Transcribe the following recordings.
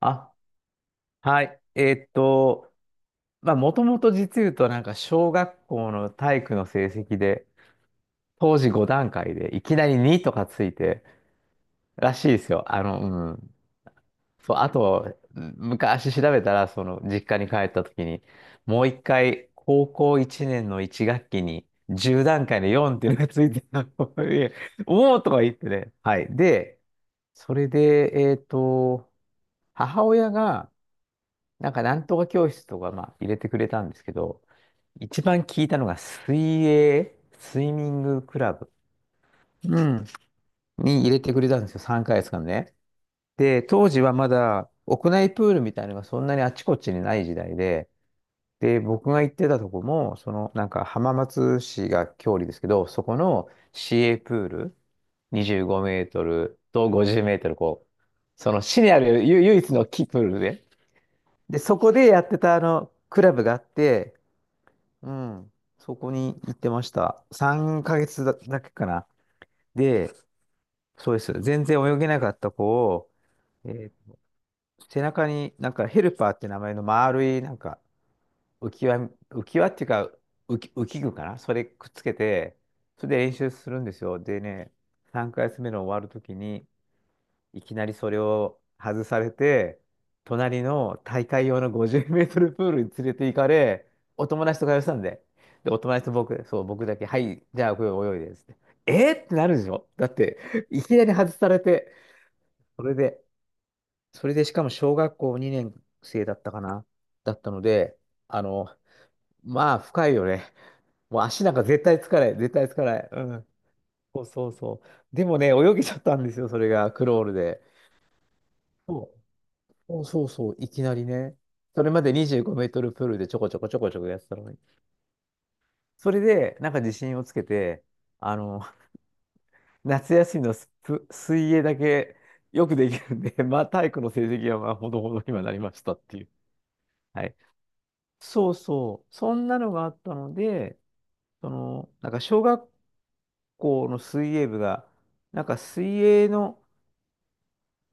あ、はい。まあ、もともと実言うと、なんか、小学校の体育の成績で、当時5段階で、いきなり2とかついて、らしいですよ。うん。そう、あと、昔調べたら、実家に帰った時に、もう一回、高校1年の1学期に、10段階の4っていうのがついてたの。いやおおとか言ってね。はい。で、それで、母親が、なんかなんとか教室とか、まあ、入れてくれたんですけど、一番聞いたのが水泳、スイミングクラブうんに入れてくれたんですよ、3ヶ月間ね。で、当時はまだ屋内プールみたいなのがそんなにあちこちにない時代で、僕が行ってたとこも、なんか浜松市が郷里ですけど、そこの市営プール25メートルと50メートル、こう、その市にある唯唯一の木プールで、で、そこでやってたあのクラブがあって、うん。そこに行ってました。3ヶ月だけかな。で、そうです。全然泳げなかった子を、えー背中になんかヘルパーって名前の丸いなんか浮き輪、浮き輪っていうか浮き具かなそれくっつけて、それで練習するんですよ。でね、3ヶ月目の終わるときに、いきなりそれを外されて、隣の大会用の50メートルプールに連れて行かれ、お友達と会話したんで、で、お友達と僕、そう、僕だけ、はい、じゃあ、これ泳いで、つって。えーってなるでしょだって、いきなり外されて、それで、それで、しかも小学校2年生だったかなだったので、あの、まあ、深いよね。もう足なんか絶対つかない、絶対つかない。うん。そうそうそう。でもね、泳げちゃったんですよ、それが、クロールで。そうそうそうそう、いきなりね。それまで25メートルプールでちょこちょこちょこちょこやってたのに。それで、なんか自信をつけて、あの、夏休みの水泳だけよくできるんで、まあ体育の成績はまあほどほどにはなりましたっていう。はい。そうそう。そんなのがあったので、なんか小学校の水泳部が、なんか水泳の、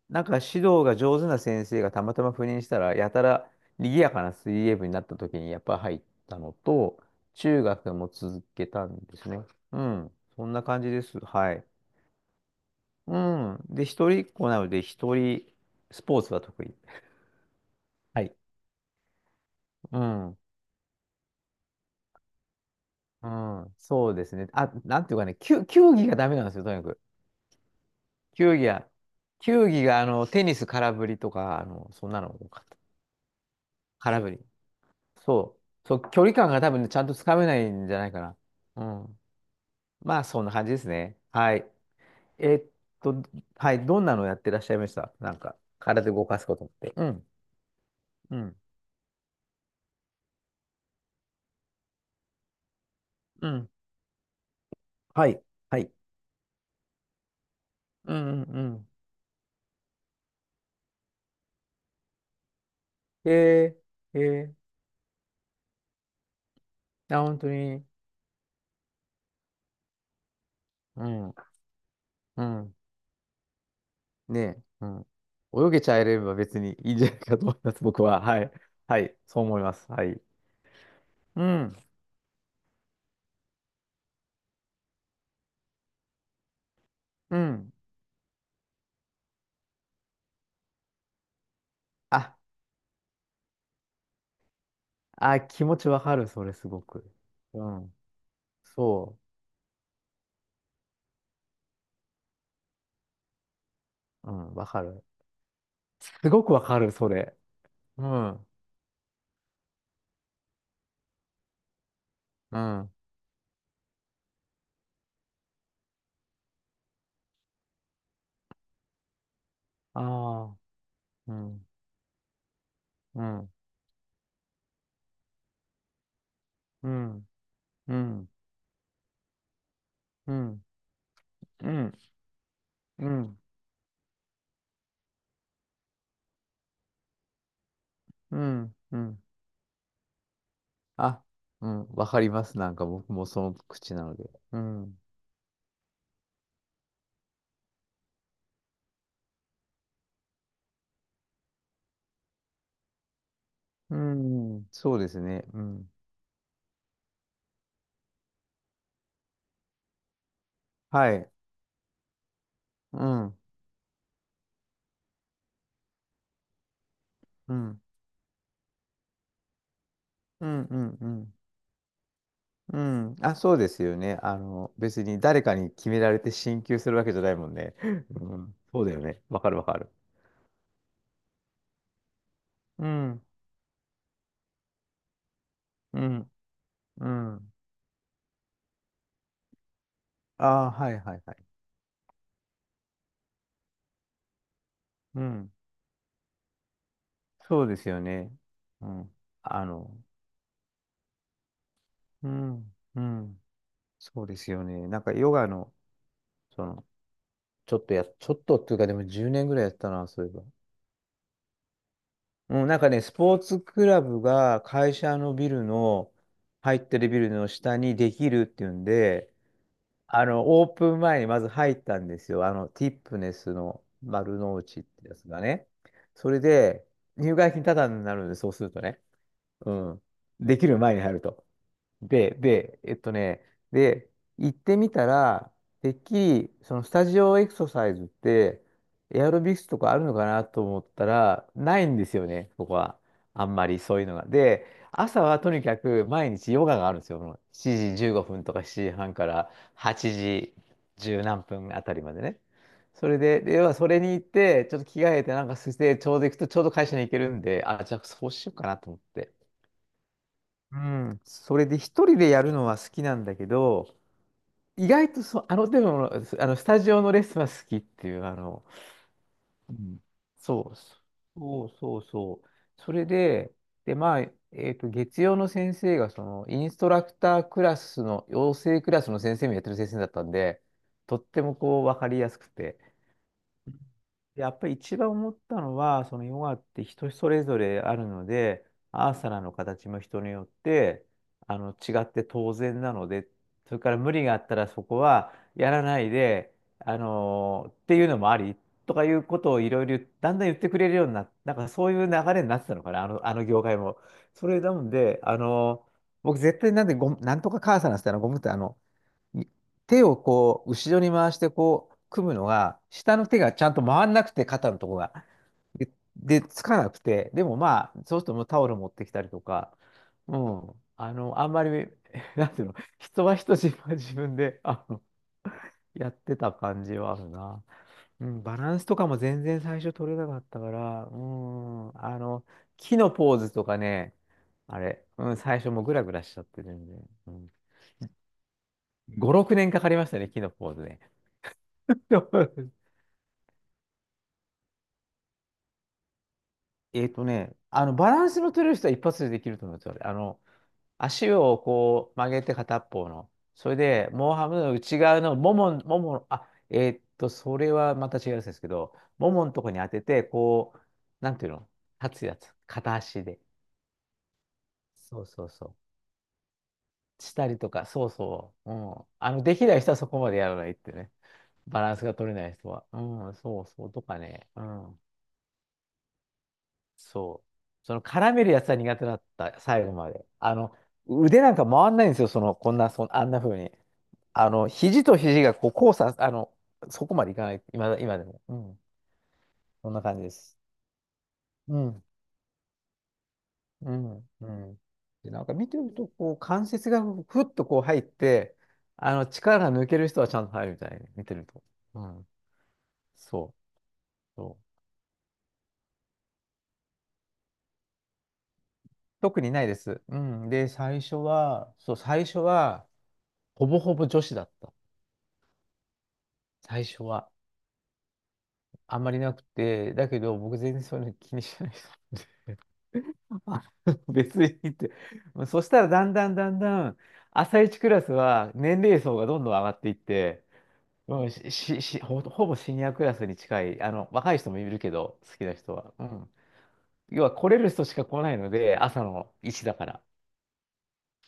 なんか指導が上手な先生がたまたま赴任したら、やたら賑やかな水泳部になった時にやっぱ入ったのと、中学も続けたんですね。うん。そんな感じです。はい。うん。で、一人っ子なので、一人、スポーツは得意。はい。うん。うん。そうですね。あ、なんていうかね、球技がダメなんですよ、とにかく。球技は、球技が、テニス空振りとか、そんなの多かった。空振り。そう。そう、距離感が多分ねちゃんとつかめないんじゃないかな。うん。まあ、そんな感じですね。はい。えーっと、はい。どんなのやってらっしゃいましたなんか、体動かすことって。うん。うん。うん。はい。はい。うんうんうん。えー、えー、あ、本当に。うん。うん。ねえ。うん。泳げちゃえれば別にいいんじゃないかと思います、僕は。はい。はい。そう思います。はい。うん。うん。あ、あ、気持ちわかる、それすごく。うん。そう。うん、わかる。すごくわかる、それ。うん、うん。ああ、うん、うん、うん、うん、うん、うん、うん、うん、うん。あ、うん、わかります。なんか僕もその口なので。うん、うん、そうですね。うん。はい。うん、うん、うん、うん、うん。うん、あ、そうですよね。別に誰かに決められて進級するわけじゃないもんね。うん、そうだよね。わかるわかる。うん、うん。うん。ああ、はいはいはい。うん。そうですよね。うん。あの、うん、うん。そうですよね。なんかヨガの、その、ちょっとっていうかでも10年ぐらいやったな、そういえば。うん、なんかね、スポーツクラブが会社のビルの、入ってるビルの下にできるっていうんで、オープン前にまず入ったんですよ。ティップネスの丸の内ってやつがね。それで、入会金タダになるんで、そうするとね。うん。できる前に入ると。で、で、えっとね、で、行ってみたら、てっきり、そのスタジオエクササイズって、エアロビクスとかあるのかなと思ったら、ないんですよね、ここは。あんまりそういうのが。で、朝はとにかく毎日ヨガがあるんですよ。もう7時15分とか7時半から8時10何分あたりまでね。それで、で要はそれに行って、ちょっと着替えてなんかして、ちょうど行くとちょうど会社に行けるんで、あ、じゃあそうしようかなと思って。うん、それで一人でやるのは好きなんだけど、意外とあの手の、あのスタジオのレッスンは好きっていう、うんそう、そうそうそう。それで、まあ、月曜の先生が、インストラクタークラスの、養成クラスの先生もやってる先生だったんで、とってもこう、わかりやすくて、やっぱり一番思ったのは、そのヨガって人それぞれあるので、アーサナの形も人によって違って当然なので、それから無理があったらそこはやらないで、あのっていうのもありとかいうことをいろいろだんだん言ってくれるようになって、なんかそういう流れになってたのかな、あの業界も。それなので、僕絶対なんでなんとかカーサナってあのゴムってに手をこう、後ろに回してこう、組むのが、下の手がちゃんと回んなくて、肩のとこが。で、でつかなくて、でもまあ、そうするともうタオル持ってきたりとか、うん、あんまり、なんていうの、人は人、自分は自分で、やってた感じはあるな。うん、バランスとかも全然最初取れなかったから、うん、木のポーズとかね、あれ、うん、最初もうグラグラしちゃって全然。うん、5、6年かかりましたね、木のポーズね。バランスの取れる人は一発でできると思うんですよ。足をこう曲げて片っぽの。それで、モーハムの内側のもも、あ、それはまた違うんですけど、もものとこに当てて、こう、なんていうの立つやつ。片足で。そうそうそう。したりとか、そうそう。うん。できない人はそこまでやらないってね。バランスが取れない人は。うん、そうそう。とかね。うん。そう。その絡めるやつは苦手だった、最後まで。腕なんか回んないんですよ、その、こんな、あんな風に。肘と肘がこう交差、そこまでいかない、今でも。うん。そんな感じです。うん、うん、うん。で、なんか見てると、こう、関節がふっとこう入って、力が抜ける人はちゃんと入るみたいに、見てると。うん。そう。そう。特にないです。うん。で、最初は、そう、最初は、ほぼほぼ女子だった。最初は。あんまりなくて、だけど僕全然そういうの気にしない人なんで、あ別にって。そしたらだんだんだんだん、朝一クラスは年齢層がどんどん上がっていって、うん、し、し、しほ、ほぼシニアクラスに近い、若い人もいるけど、好きな人は。うん。要は来れる人しか来ないので、朝の1だから。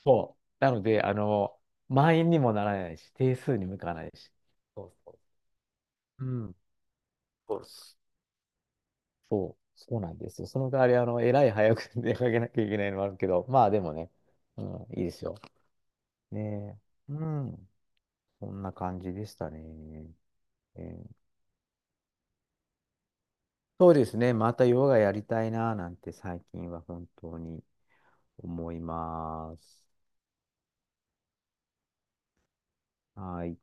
そう。なので、満員にもならないし、定数に向かないし。そうそう。うん。そうそう、そうなんですよ。その代わり、えらい早く 出かけなきゃいけないのもあるけど、まあでもね、うん、いいですよ。ねえ、うん、そんな感じでしたね。えーそうですね、またヨガやりたいな、なんて最近は本当に思います。はい。